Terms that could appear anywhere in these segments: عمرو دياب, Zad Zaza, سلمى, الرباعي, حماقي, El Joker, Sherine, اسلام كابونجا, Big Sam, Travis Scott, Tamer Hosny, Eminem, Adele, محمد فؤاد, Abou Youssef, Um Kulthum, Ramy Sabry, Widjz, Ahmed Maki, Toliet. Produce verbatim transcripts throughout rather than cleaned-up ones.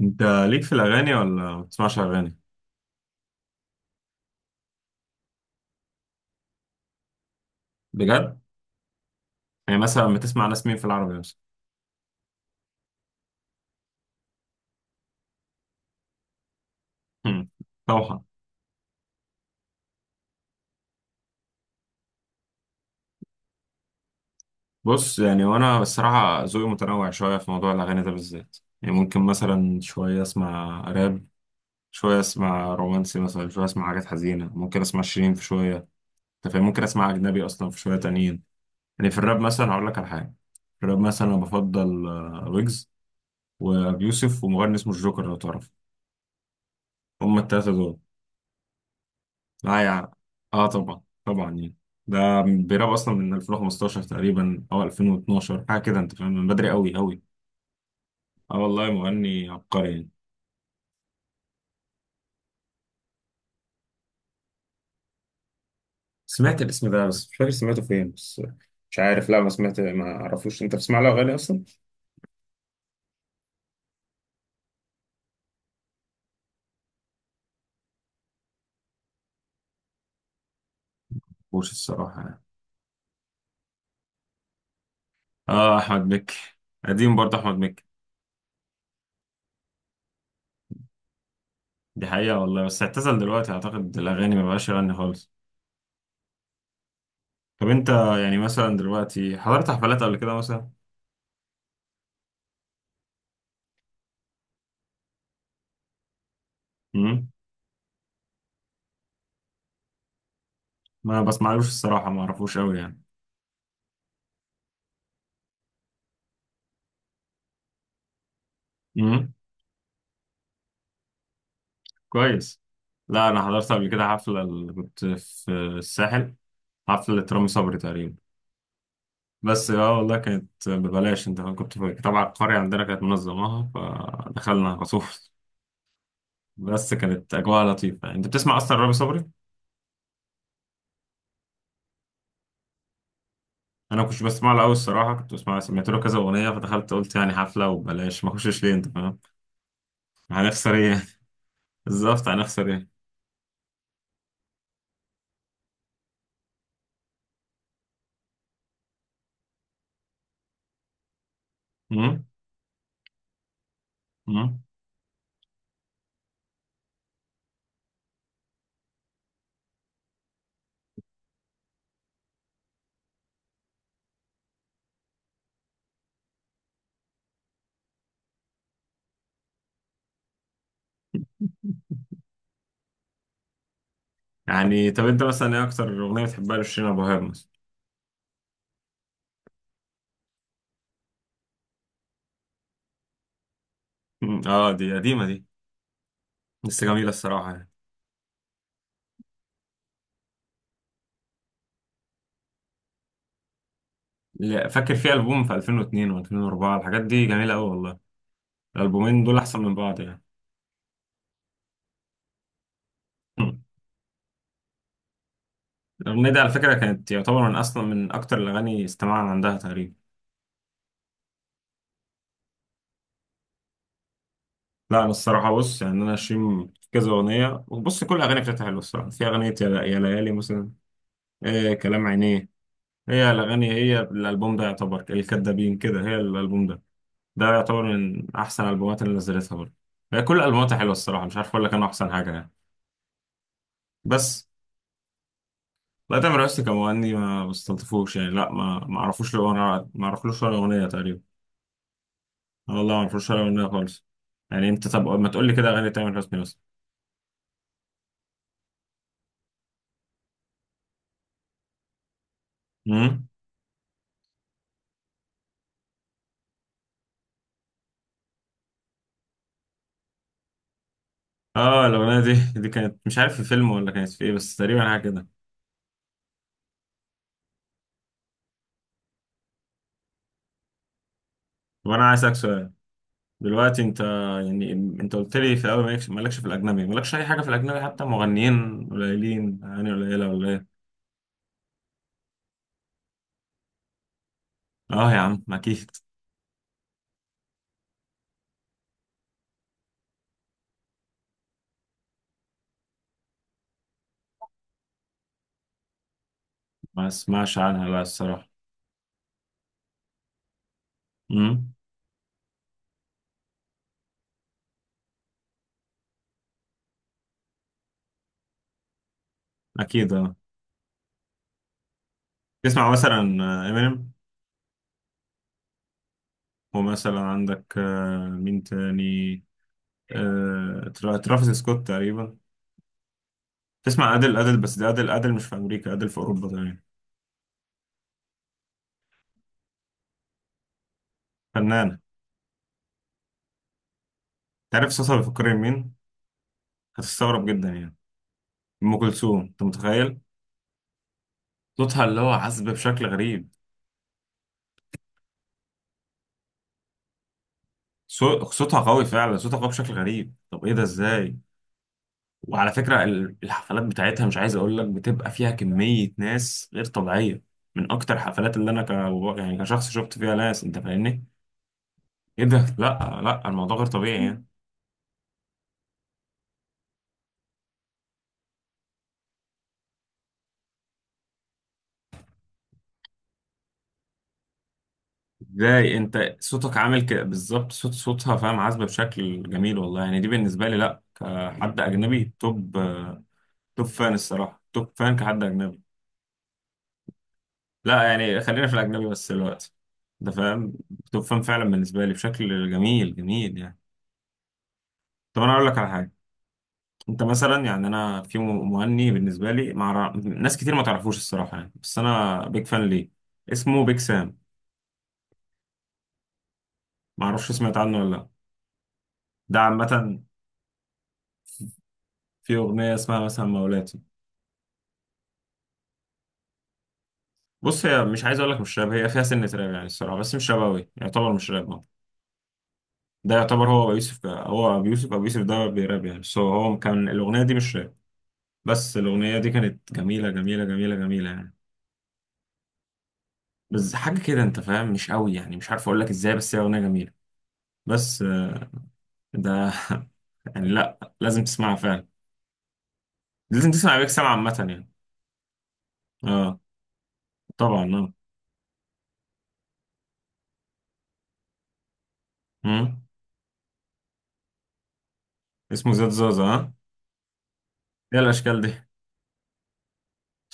انت، ليك في الاغاني ولا ما بتسمعش اغاني؟ بجد. يعني مثلا بتسمع ناس مين في العربي مثلا؟ هم. طبعا. بص، يعني وانا الصراحه ذوقي متنوع شويه في موضوع الاغاني ده بالذات، يعني ممكن مثلا شويه اسمع راب، شويه اسمع رومانسي، مثلا شويه اسمع حاجات حزينه، ممكن اسمع شيرين في شويه. انت فاهم، ممكن اسمع اجنبي اصلا في شويه تانيين. يعني في الراب مثلا هقول لك على حاجه. في الراب مثلا انا بفضل آه، ويجز وابي يوسف ومغني اسمه الجوكر لو تعرف. هما التلاته دول. لا يعني. اه طبعا طبعا يعني. ده بيراب اصلا من الفين وخمستاشر تقريبا او الفين واثنا عشر حاجه كده، انت فاهم، من بدري قوي قوي. اه والله مغني عبقري يعني. سمعت الاسم ده بس مش فاكر سمعته فين بس. مش عارف، لا ما سمعت، ما اعرفوش. انت بتسمع له اغاني اصلا؟ مش الصراحه يعني. اه، احمد مكي. قديم برضه احمد مكي. دي حقيقه والله، بس اعتزل دلوقتي اعتقد الاغاني، ما بقاش يغني خالص. طب انت، يعني مثلا دلوقتي حضرت حفلات قبل كده مثلا؟ امم. ما بسمعلوش الصراحه، ما اعرفوش قوي. يعني كويس. لا انا حضرت قبل كده حفله ال- كنت في الساحل. حفله رامي صبري تقريبا. بس اه والله كانت ببلاش، انت فاهم؟ كنت في- طبعا القريه عندنا كانت منظماها فدخلنا خصوص. بس كانت اجواء لطيفه. انت بتسمع اصلا رامي صبري؟ انا كنت بسمع له قوي الصراحه، كنت بسمع سمعت له كذا اغنيه فدخلت قلت يعني حفله وببلاش، ما اخشش ليه، انت فاهم؟ هنخسر ايه يعني؟ بالظبط هنخسر ايه. امم، امم. يعني طب انت مثلا ايه اكتر اغنيه بتحبها لشيرين ابو وهاب مثلا؟ مم. اه دي قديمه دي. بس جميله الصراحه يعني. لا، فاكر في ألبوم في الفين واتنين و2004، الحاجات دي جميلة أوي والله. الألبومين دول أحسن من بعض يعني. الأغنية دي على فكرة كانت يعتبر من أصلا من أكتر الأغاني استماعا عندها تقريبا. لا أنا الصراحة، بص يعني أنا شيم كذا أغنية وبص، كل الأغاني بتاعتها حلوة الصراحة. في أغنية يا يا ليالي مثلا، إيه كلام عينيه. هي الأغاني، هي الألبوم ده يعتبر الكدابين كده، هي الألبوم ده ده يعتبر من أحسن الألبومات اللي نزلتها برضه. هي كل ألبوماتها حلوة الصراحة، مش عارف أقول لك أنا أحسن حاجة يعني. بس لا، تامر حسني كمغني ما بستلطفوش يعني، لا ما ما اعرفوش له، انا ما اعرفلوش ولا اغنيه تقريبا. أنا والله ما اعرفلوش ولا اغنيه خالص. يعني انت طب ما تقول لي كده اغاني تامر حسني بس. امم. اه الاغنيه دي دي كانت، مش عارف في فيلم ولا كانت في ايه، بس تقريبا حاجه كده. طب انا عايز اسالك سؤال. دلوقتي انت، يعني انت قلت لي في الاول مالكش مالكش في الاجنبي، مالكش اي حاجه في الاجنبي حتى، مغنيين قليلين اغاني قليله ولا ايه؟ اه يا عم اكيد. ما اسمعش عنها لا الصراحه. امم. اكيد اه. تسمع مثلا امينيم. ومثلا عندك آه، مين تاني؟ آه، ترا- ترافيس سكوت تقريبا. تسمع أدل. أدل بس ده، أدل أدل مش في أمريكا، أدل في أوروبا تقريبا. فنانة. تعرف صوتها بيفكرني بمين؟ هتستغرب جدا يعني. أم كلثوم أنت متخيل؟ صوتها اللي هو عذب بشكل غريب. صو- صوتها قوي فعلا، صوتها قوي بشكل غريب. طب إيه ده إزاي؟ وعلى فكرة ال- الحفلات بتاعتها، مش عايز أقول لك، بتبقى فيها كمية ناس غير طبيعية. من أكتر الحفلات اللي أنا ك... يعني كشخص شفت فيها ناس، أنت فاهمني؟ ايه ده، لا لا الموضوع غير طبيعي يعني. ازاي انت صوتك عامل ك... بالظبط صوت صوتها، فاهم، عازبه بشكل جميل والله يعني. دي بالنسبه لي، لا، كحد اجنبي، توب توب فان الصراحه، توب فان كحد اجنبي. لا يعني خلينا في الاجنبي بس دلوقتي، ده فاهم. توب فان فعلا بالنسبه لي، بشكل جميل جميل يعني. طب انا اقول لك على حاجه. انت مثلا، يعني انا في م- مغني بالنسبه لي مع را- ناس كتير ما تعرفوش الصراحه يعني، بس انا بيج فان ليه. اسمه بيج سام. ما اعرفش، سمعت عنه ولا لا؟ ده عامة في أغنية اسمها مثلا مولاتي. بص هي مش، عايز أقول لك مش راب، هي فيها سنة راب يعني الصراحة، بس مش راب أوي، يعتبر مش راب أه. ده يعتبر هو أبو يوسف، هو أبو يوسف، أبو يوسف ده بيراب يعني، سو هو هو كان الأغنية دي مش راب، بس الأغنية دي كانت جميلة جميلة جميلة جميلة يعني. بس حاجة كده أنت فاهم، مش أوي يعني، مش عارف أقول لك إزاي، بس هي أغنية جميلة. بس آه، ده يعني لأ لازم تسمعها فعلا. لازم تسمع بيك، سمع عامة يعني. أه طبعا أه. مم. اسمه زاد زازا أه إيه الأشكال دي.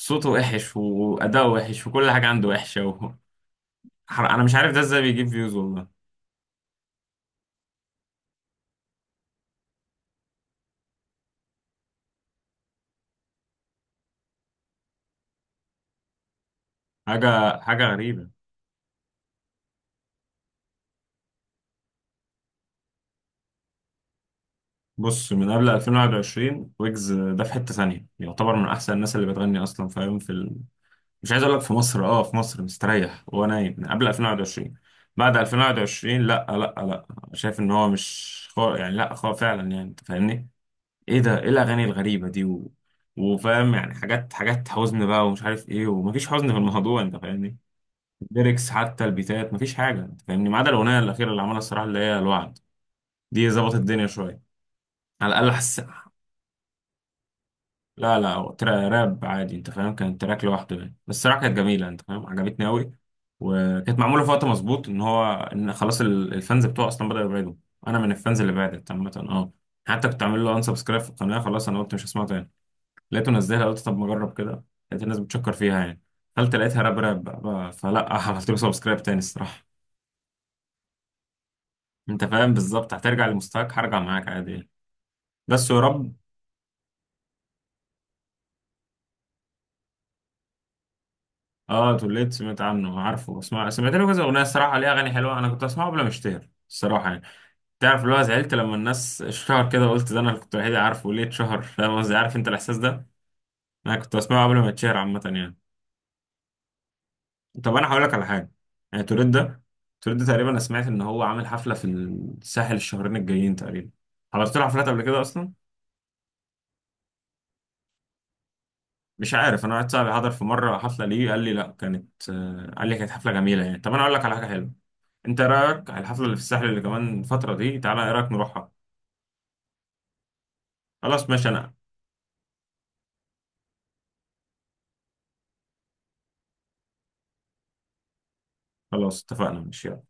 صوته وحش وأداؤه وحش وكل حاجة عنده وحشة و... حر- أنا مش عارف ده إزاي بيجيب فيوز والله. حاجة حاجة غريبة. بص من قبل الفين وواحد وعشرين ويجز ده في حتة ثانية، يعتبر من أحسن الناس اللي بتغني أصلا فاهم في ال... مش عايز أقول لك في مصر، أه في مصر مستريح وهو نايم من قبل الفين وواحد وعشرين. بعد الفين وواحد وعشرين لأ لأ لأ. شايف إن هو مش خو... يعني لأ خو فعلا يعني، أنت فاهمني؟ إيه ده، إيه الأغاني الغريبة دي و... وفاهم يعني، حاجات حاجات حزن بقى ومش عارف إيه، ومفيش حزن في الموضوع أنت فاهمني. ليركس حتى البيتات مفيش حاجه انت فاهمني، ما عدا الاغنيه الاخيره اللي عملها الصراحه اللي هي الوعد. دي ظبطت الدنيا شويه، على الاقل حس. لا لا، هو ترا راب عادي انت فاهم، كان تراك لوحده يعني بس الصراحه كانت جميله انت فاهم، عجبتني قوي. وكانت معموله في وقت مظبوط، ان هو ان خلاص ال- الفانز بتوعه اصلا بداوا يبعدوا. انا من الفانز اللي بعدت عامه اه حتى كنت عامل له ان سبسكرايب في القناه، خلاص انا قلت مش هسمعه تاني. لقيته نزلها، قلت طب ما اجرب كده. لقيت الناس بتشكر فيها يعني. قلت لقيتها راب راب بقى. فلا عملت له سبسكرايب تاني الصراحه. انت فاهم، بالظبط هترجع لمستواك هرجع معاك عادي يعني. بس يا رب. اه توليت سمعت عنه عارفه، اسمع سمعت له كذا اغنيه الصراحه ليه اغاني حلوه، انا كنت اسمعه قبل ما اشتهر الصراحه يعني. تعرف اللي هو زعلت لما الناس اشتهر كده، قلت ده انا اللي كنت الوحيد اللي عارفه ليه اتشهر، فاهم قصدي، عارف انت الاحساس ده؟ انا كنت اسمعه قبل ما اتشهر عامه يعني. طب انا هقول لك على حاجه. يعني توليت ده، توليت ده تقريبا انا سمعت ان هو عامل حفله في الساحل الشهرين الجايين تقريبا. حضرت له حفلات قبل كده اصلا؟ مش عارف، انا واحد صاحبي حضر في مره حفله ليه، قال لي لا كانت آه، قال لي كانت حفله جميله يعني. طب انا اقول لك على حاجه حلوه. انت إيه رايك على الحفله اللي في الساحل اللي كمان الفتره دي؟ تعالى ايه رايك نروحها؟ خلاص ماشي انا. خلاص اتفقنا ماشي يلا.